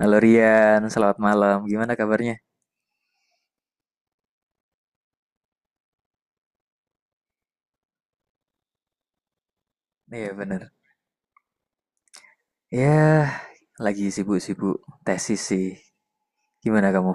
Halo Rian, selamat malam. Gimana kabarnya? Iya bener. Ya, lagi sibuk-sibuk tesis sih. Gimana kamu?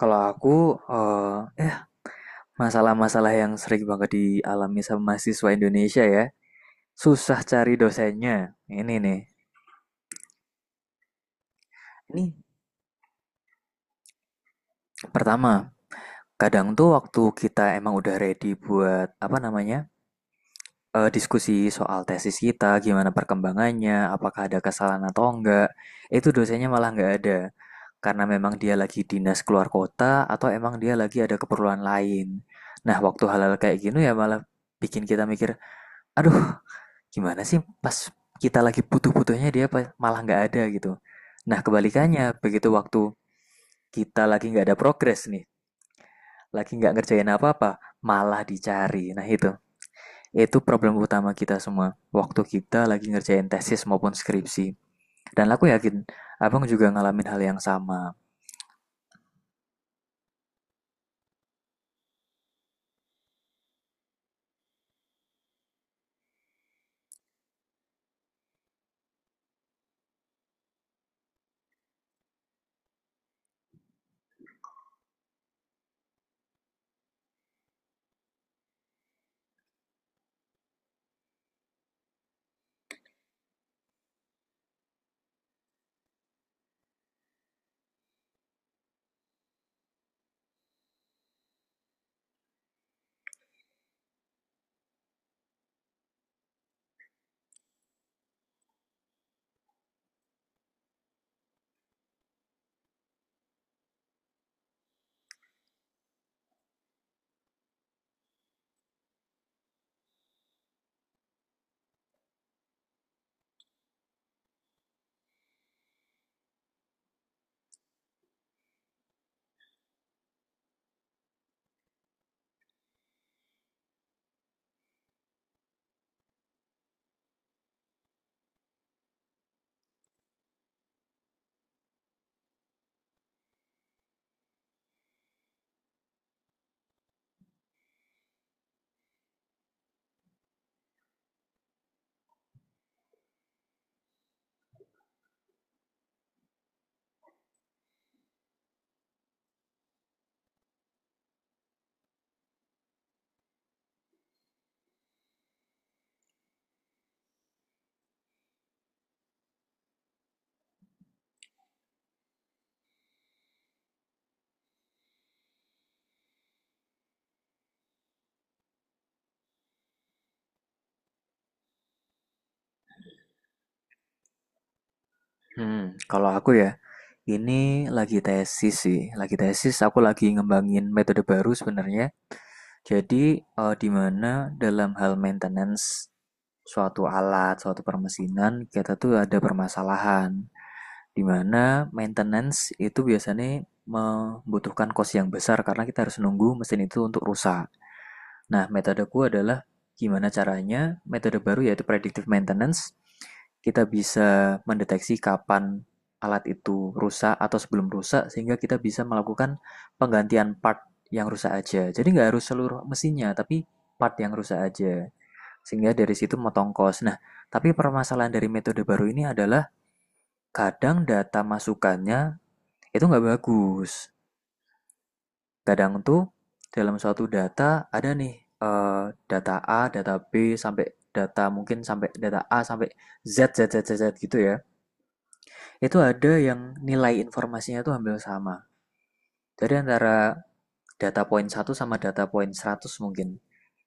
Kalau aku, eh, eh, masalah-masalah yang sering banget dialami sama mahasiswa Indonesia ya. Susah cari dosennya. Ini nih. Ini pertama, kadang tuh waktu kita emang udah ready buat apa namanya? Diskusi soal tesis kita, gimana perkembangannya, apakah ada kesalahan atau enggak. Itu dosennya malah enggak ada. Karena memang dia lagi dinas keluar kota atau emang dia lagi ada keperluan lain. Nah, waktu hal-hal kayak gini ya malah bikin kita mikir, aduh, gimana sih pas kita lagi butuh-butuhnya dia malah enggak ada gitu. Nah, kebalikannya, begitu waktu kita lagi enggak ada progres nih, lagi enggak ngerjain apa-apa, malah dicari. Nah, itu. Itu problem utama kita semua, waktu kita lagi ngerjain tesis maupun skripsi. Dan aku yakin, abang juga ngalamin hal yang sama. Hmm, kalau aku ya, ini lagi tesis sih, lagi tesis aku lagi ngembangin metode baru sebenarnya. Jadi di mana dalam hal maintenance suatu alat, suatu permesinan kita tuh ada permasalahan. Di mana maintenance itu biasanya membutuhkan cost yang besar karena kita harus nunggu mesin itu untuk rusak. Nah, metodeku adalah gimana caranya metode baru yaitu predictive maintenance. Kita bisa mendeteksi kapan alat itu rusak atau sebelum rusak sehingga kita bisa melakukan penggantian part yang rusak aja. Jadi nggak harus seluruh mesinnya, tapi part yang rusak aja. Sehingga dari situ motong kos. Nah, tapi permasalahan dari metode baru ini adalah kadang data masukannya itu nggak bagus. Kadang tuh dalam suatu data ada nih data A, data B sampai data mungkin sampai data A sampai Z Z Z Z, Z gitu ya. Itu ada yang nilai informasinya tuh hampir sama. Jadi antara data point 1 sama data point 100 mungkin.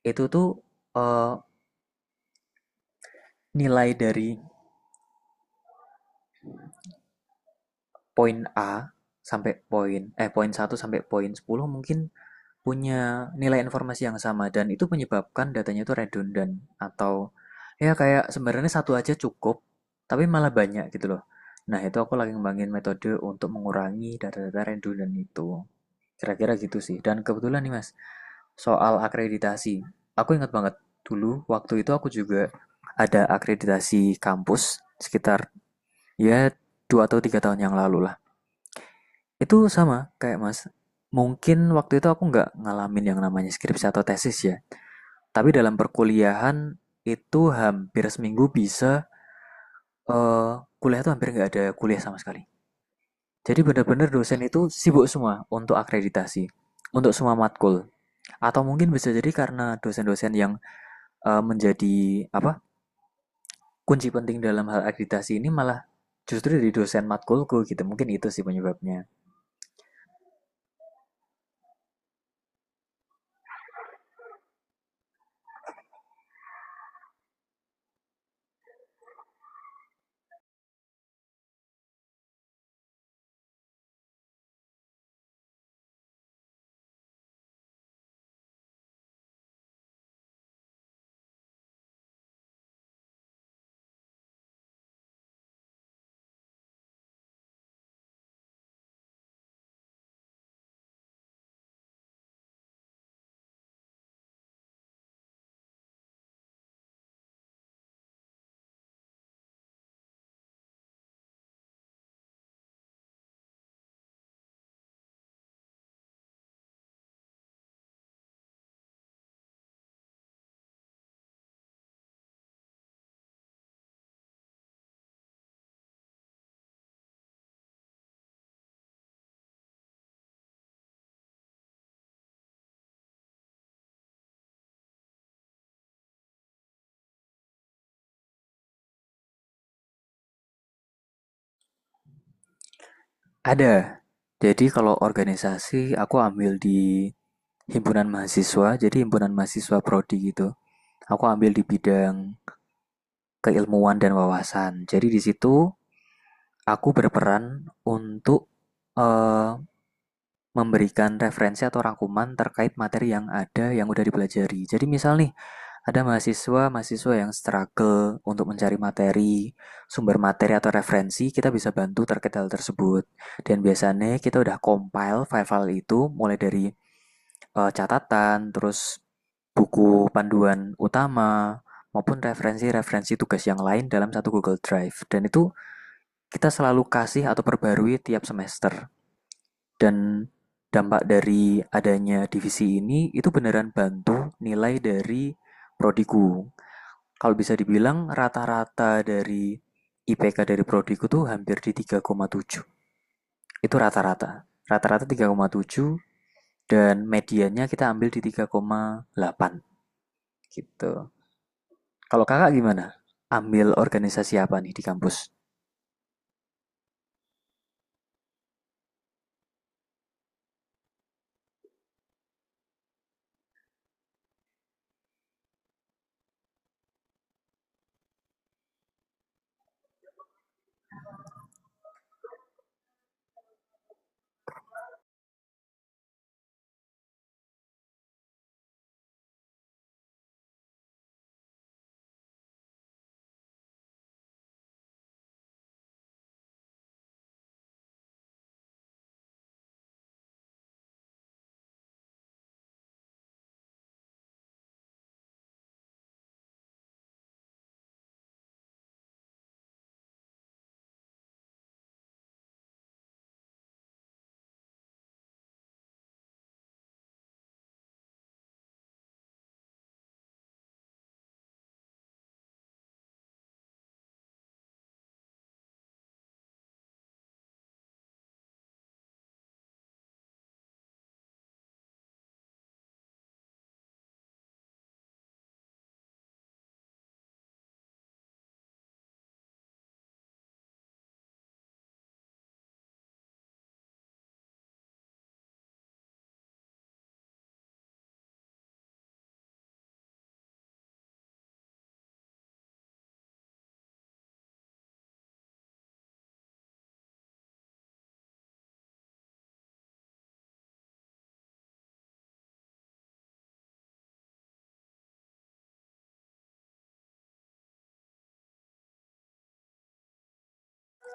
Itu tuh eh, nilai dari poin A sampai poin poin 1 sampai poin 10 mungkin punya nilai informasi yang sama dan itu menyebabkan datanya itu redundant atau ya kayak sebenarnya satu aja cukup tapi malah banyak gitu loh. Nah, itu aku lagi ngembangin metode untuk mengurangi data-data redundant itu. Kira-kira gitu sih. Dan kebetulan nih Mas, soal akreditasi. Aku ingat banget dulu waktu itu aku juga ada akreditasi kampus sekitar ya 2 atau 3 tahun yang lalu lah. Itu sama kayak Mas. Mungkin waktu itu aku nggak ngalamin yang namanya skripsi atau tesis ya. Tapi dalam perkuliahan itu hampir seminggu bisa, kuliah tuh hampir nggak ada kuliah sama sekali. Jadi benar-benar dosen itu sibuk semua untuk akreditasi, untuk semua matkul. Atau mungkin bisa jadi karena dosen-dosen yang, menjadi apa, kunci penting dalam hal akreditasi ini malah justru dari dosen matkulku gitu, mungkin itu sih penyebabnya. Ada, jadi kalau organisasi aku ambil di himpunan mahasiswa, jadi himpunan mahasiswa prodi gitu. Aku ambil di bidang keilmuan dan wawasan. Jadi di situ aku berperan untuk, eee, memberikan referensi atau rangkuman terkait materi yang ada yang udah dipelajari. Jadi misal nih, ada mahasiswa-mahasiswa yang struggle untuk mencari materi, sumber materi atau referensi, kita bisa bantu terkait hal tersebut. Dan biasanya kita udah compile file-file itu mulai dari catatan, terus buku panduan utama, maupun referensi-referensi tugas yang lain dalam satu Google Drive. Dan itu kita selalu kasih atau perbarui tiap semester. Dan dampak dari adanya divisi ini itu beneran bantu nilai dari prodiku. Kalau bisa dibilang rata-rata dari IPK dari prodiku tuh hampir di 3,7. Itu rata-rata. Rata-rata 3,7 dan mediannya kita ambil di 3,8. Gitu. Kalau kakak gimana? Ambil organisasi apa nih di kampus?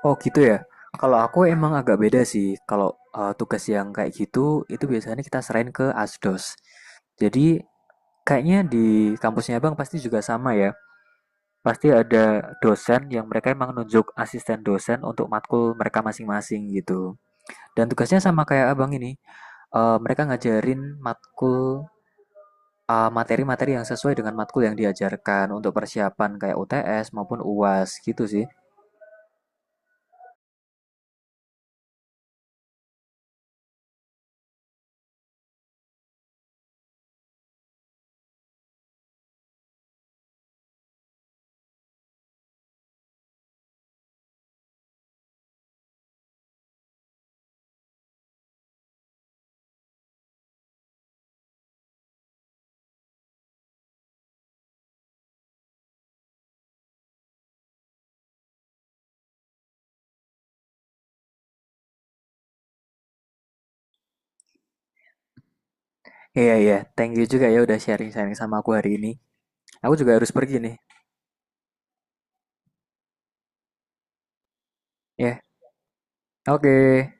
Oh gitu ya. Kalau aku emang agak beda sih. Kalau tugas yang kayak gitu itu biasanya kita serahin ke ASDOS. Jadi kayaknya di kampusnya Bang pasti juga sama ya. Pasti ada dosen yang mereka emang nunjuk asisten dosen untuk matkul mereka masing-masing gitu. Dan tugasnya sama kayak Abang ini. Mereka ngajarin matkul materi-materi yang sesuai dengan matkul yang diajarkan untuk persiapan kayak UTS maupun UAS gitu sih. Iya iya, thank you juga ya udah sharing-sharing sama aku hari ini. Aku juga harus pergi nih. Ya. Yeah. Oke. Okay.